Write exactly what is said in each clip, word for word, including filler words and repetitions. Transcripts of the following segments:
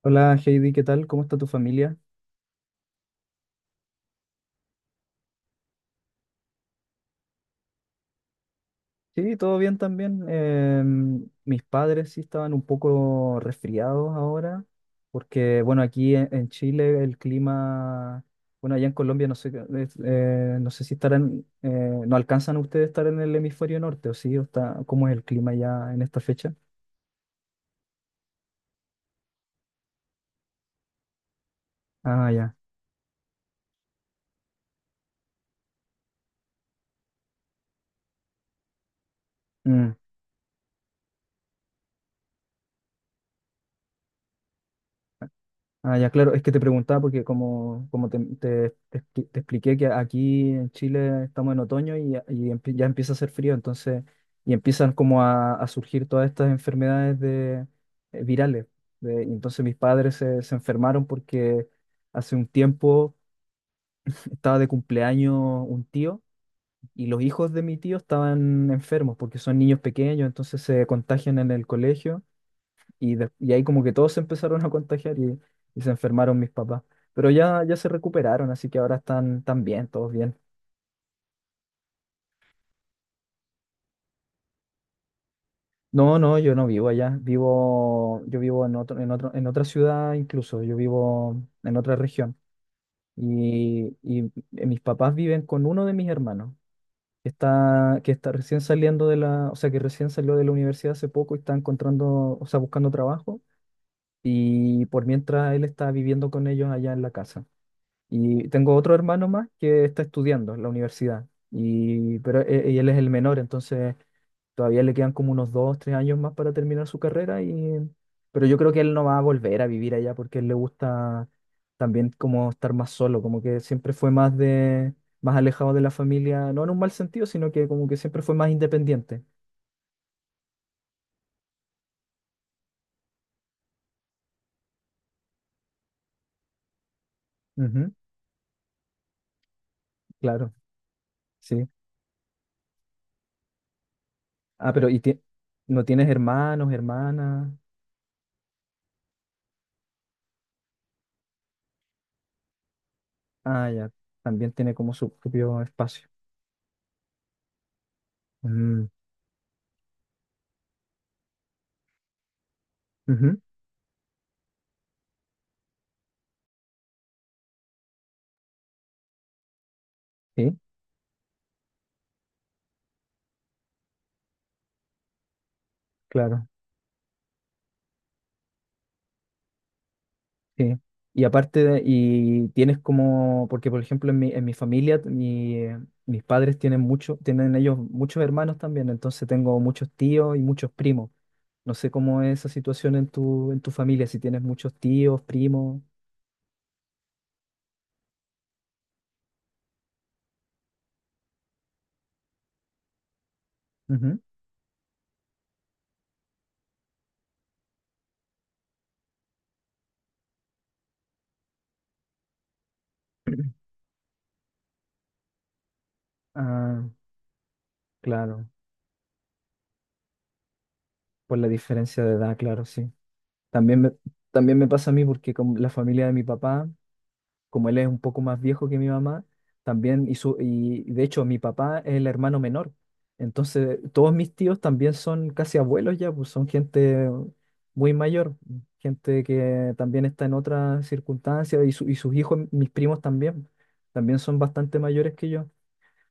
Hola Heidi, ¿qué tal? ¿Cómo está tu familia? Sí, todo bien también. Em, mis padres sí estaban un poco resfriados ahora, porque bueno, aquí en, en Chile el clima, bueno, allá en Colombia no sé, qué- es, eh, no sé si estarán, eh, no alcanzan ustedes a estar en el hemisferio norte, ¿o sí? ¿O está, cómo es el clima ya en esta fecha? Ah, ya. Mm. Ah, ya, claro, es que te preguntaba porque como, como te, te- te expli- te expliqué que aquí en Chile estamos en otoño y, ya y empie- ya empieza a hacer frío, entonces, y empiezan como a, a surgir todas estas enfermedades de, eh, virales. De- y entonces mis padres se, se enfermaron porque hace un tiempo estaba de cumpleaños un tío y los hijos de mi tío estaban enfermos porque son niños pequeños, entonces se contagian en el colegio y, de- y ahí como que todos se empezaron a contagiar y, y se enfermaron mis papás. Pero ya, ya se recuperaron, así que ahora están, están bien, todos bien. No, no, yo no vivo allá. Vivo, yo vivo en otro, en otro, en otra ciudad incluso. Yo vivo en otra región. Y, y mis papás viven con uno de mis hermanos, que está, que está recién saliendo de la, o sea, que recién salió de la universidad hace poco y está encontrando, o sea, buscando trabajo. Y por mientras él está viviendo con ellos allá en la casa. Y tengo otro hermano más que está estudiando en la universidad, y, pero e- y él es el menor, entonces todavía le quedan como unos dos, tres años más para terminar su carrera, y, pero yo creo que él no va a volver a vivir allá porque a él le gusta también como estar más solo, como que siempre fue más de, más alejado de la familia, no en un mal sentido, sino que como que siempre fue más independiente. Ujú, claro, sí. Ah, pero ¿y ti- no tienes hermanos, hermanas? Ah, ya, también tiene como su propio espacio. Mm. Ujú, sí, claro, sí. Y aparte, de- y tienes como, porque por ejemplo en mi, en mi familia, mi, eh, mis padres tienen mucho, tienen ellos muchos hermanos también, entonces tengo muchos tíos y muchos primos. No sé cómo es esa situación en tu, en tu familia, si tienes muchos tíos, primos. Ujú. Ah, claro, por la diferencia de edad, claro, sí. También me, también me pasa a mí porque con la familia de mi papá como él es un poco más viejo que mi mamá, también hizo, y de hecho mi papá es el hermano menor. Entonces, todos mis tíos también son casi abuelos ya, pues son gente muy mayor, gente que también está en otras circunstancias y, su- y sus hijos, mis primos también, también son bastante mayores que yo.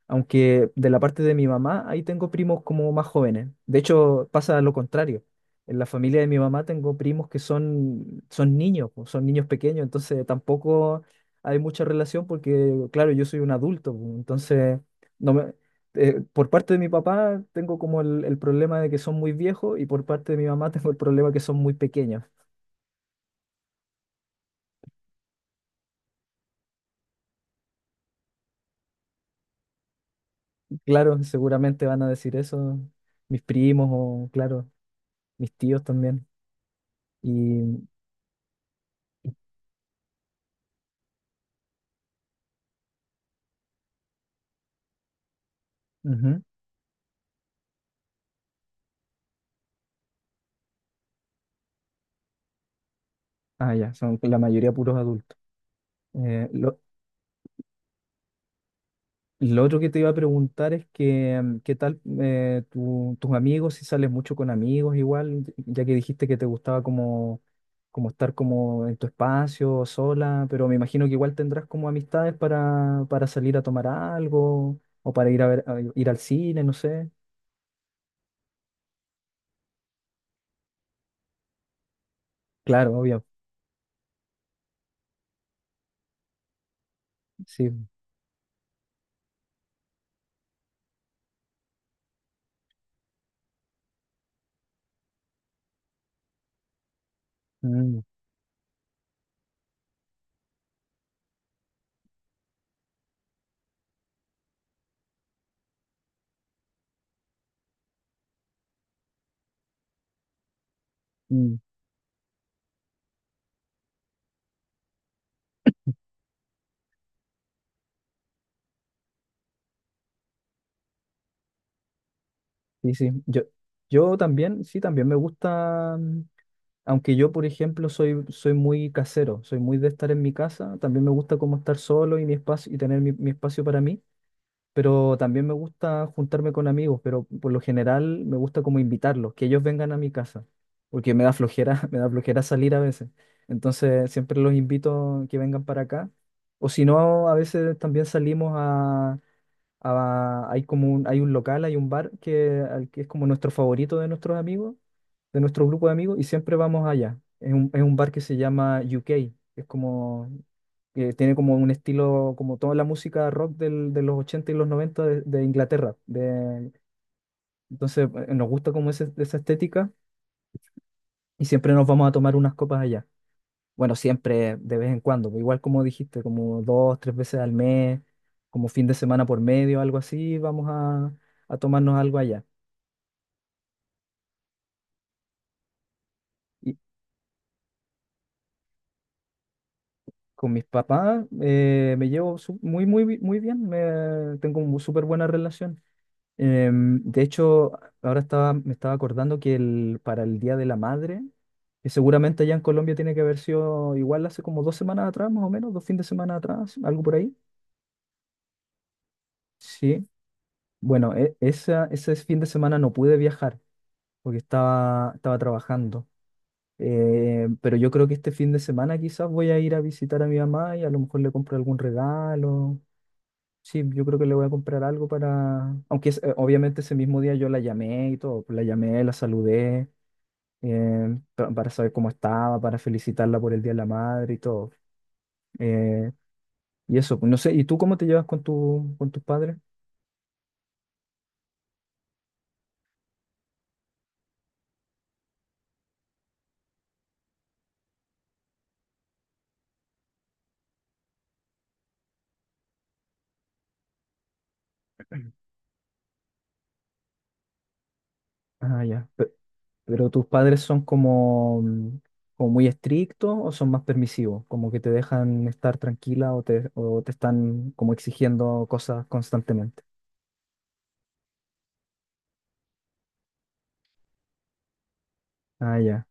Aunque de la parte de mi mamá, ahí tengo primos como más jóvenes. De hecho, pasa lo contrario. En la familia de mi mamá tengo primos que son, son niños, pues, son niños pequeños, entonces tampoco hay mucha relación porque, claro, yo soy un adulto, pues, entonces no me, eh, por parte de mi papá tengo como el, el problema de que son muy viejos y por parte de mi mamá tengo el problema que son muy pequeños. Claro, seguramente van a decir eso mis primos o, claro, mis tíos también. Y, ujú. Ah, ya, son la mayoría puros adultos. Eh, lo, lo otro que te iba a preguntar es que, mm, ¿qué tal eh, tu- tus amigos? Si sales mucho con amigos igual, ya que dijiste que te gustaba como, como estar como en tu espacio, sola, pero me imagino que igual tendrás como amistades para, para salir a tomar algo o para ir a ver, a ir al cine, no sé. Claro, obvio, sí. Mm, mm, sí, sí. Yo, yo también, sí, también me gusta. mm, Aunque yo, por ejemplo, soy, soy muy casero, soy muy de estar en mi casa, también me gusta como estar solo y mi espacio y tener mi, mi espacio para mí, pero también me gusta juntarme con amigos, pero por lo general me gusta como invitarlos, que ellos vengan a mi casa, porque me da flojera, me da flojera salir a veces. Entonces, siempre los invito que vengan para acá, o si no, a veces también salimos a- hay como un, hay un local, hay un bar que, al que es como nuestro favorito de nuestros amigos, de nuestro grupo de amigos, y siempre vamos allá. Es un, es un bar que se llama U K, que es como, que tiene como un estilo, como toda la música rock del- de los ochenta y los noventa de, de Inglaterra. De, entonces, eh, nos gusta como ese- esa estética y siempre nos vamos a tomar unas copas allá. Bueno, siempre, de vez en cuando, pues, igual como dijiste, como dos, tres veces al mes, como fin de semana por medio, algo así, vamos a, a tomarnos algo allá. Y con mis papás eh, me llevo su- muy, muy, bi- muy bien, me, tengo una súper buena relación. Em, de hecho, ahora estaba, me estaba acordando que el, para el Día de la Madre, que seguramente allá en Colombia tiene que haber sido igual hace como dos semanas atrás, más o menos, dos fines de semana atrás, algo por ahí. Sí. Bueno, e- esa, ese fin de semana no pude viajar porque estaba, estaba trabajando. Eh, pero yo creo que este fin de semana quizás voy a ir a visitar a mi mamá y a lo mejor le compro algún regalo. Sí, yo creo que le voy a comprar algo para... Aunque es- eh, obviamente ese mismo día yo la llamé y todo, pues la llamé, la saludé, eh, pa- para saber cómo estaba, para felicitarla por el Día de la Madre y todo. Eh, y eso, pues, no sé, ¿y tú cómo te llevas con tu, con tus padres? Ah, ya. Pero tus padres son como, mm, como muy estrictos o son más permisivos, como que te dejan estar tranquila o te, o te están como exigiendo cosas constantemente. Ah, ya.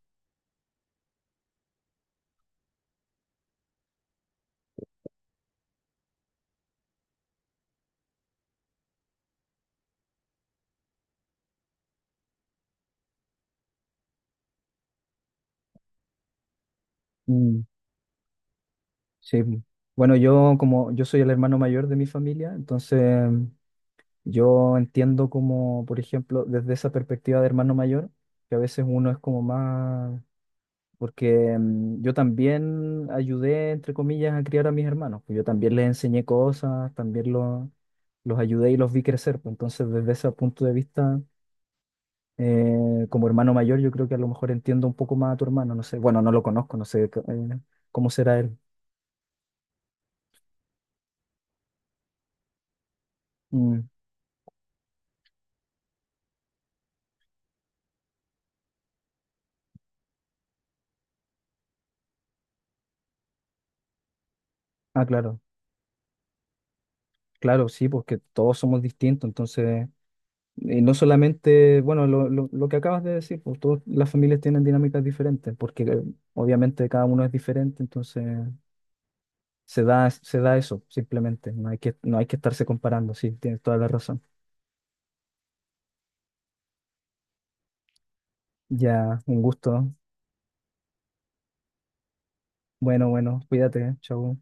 Mm, sí. Mm. Bueno, yo como yo soy el hermano mayor de mi familia, entonces mm, yo entiendo como, por ejemplo, desde esa perspectiva de hermano mayor, que a veces uno es como más porque mm, yo también ayudé, entre comillas, a criar a mis hermanos. Pues yo también les enseñé cosas, también lo- los ayudé y los vi crecer. Pues entonces, desde ese punto de vista, eh, como hermano mayor, yo creo que a lo mejor entiendo un poco más a tu hermano. No sé, bueno, no lo conozco, no sé c- eh, cómo será él. Mm, ah, claro, claro, sí, porque todos somos distintos. Entonces, y no solamente, bueno, lo, lo- lo que acabas de decir, pues todas las familias tienen dinámicas diferentes, porque eh, obviamente cada uno es diferente, entonces. Se da, se da eso, simplemente. No hay que, no hay que estarse comparando, sí, tienes toda la razón. Ya, un gusto. Bueno, bueno, cuídate, ¿eh? Chau.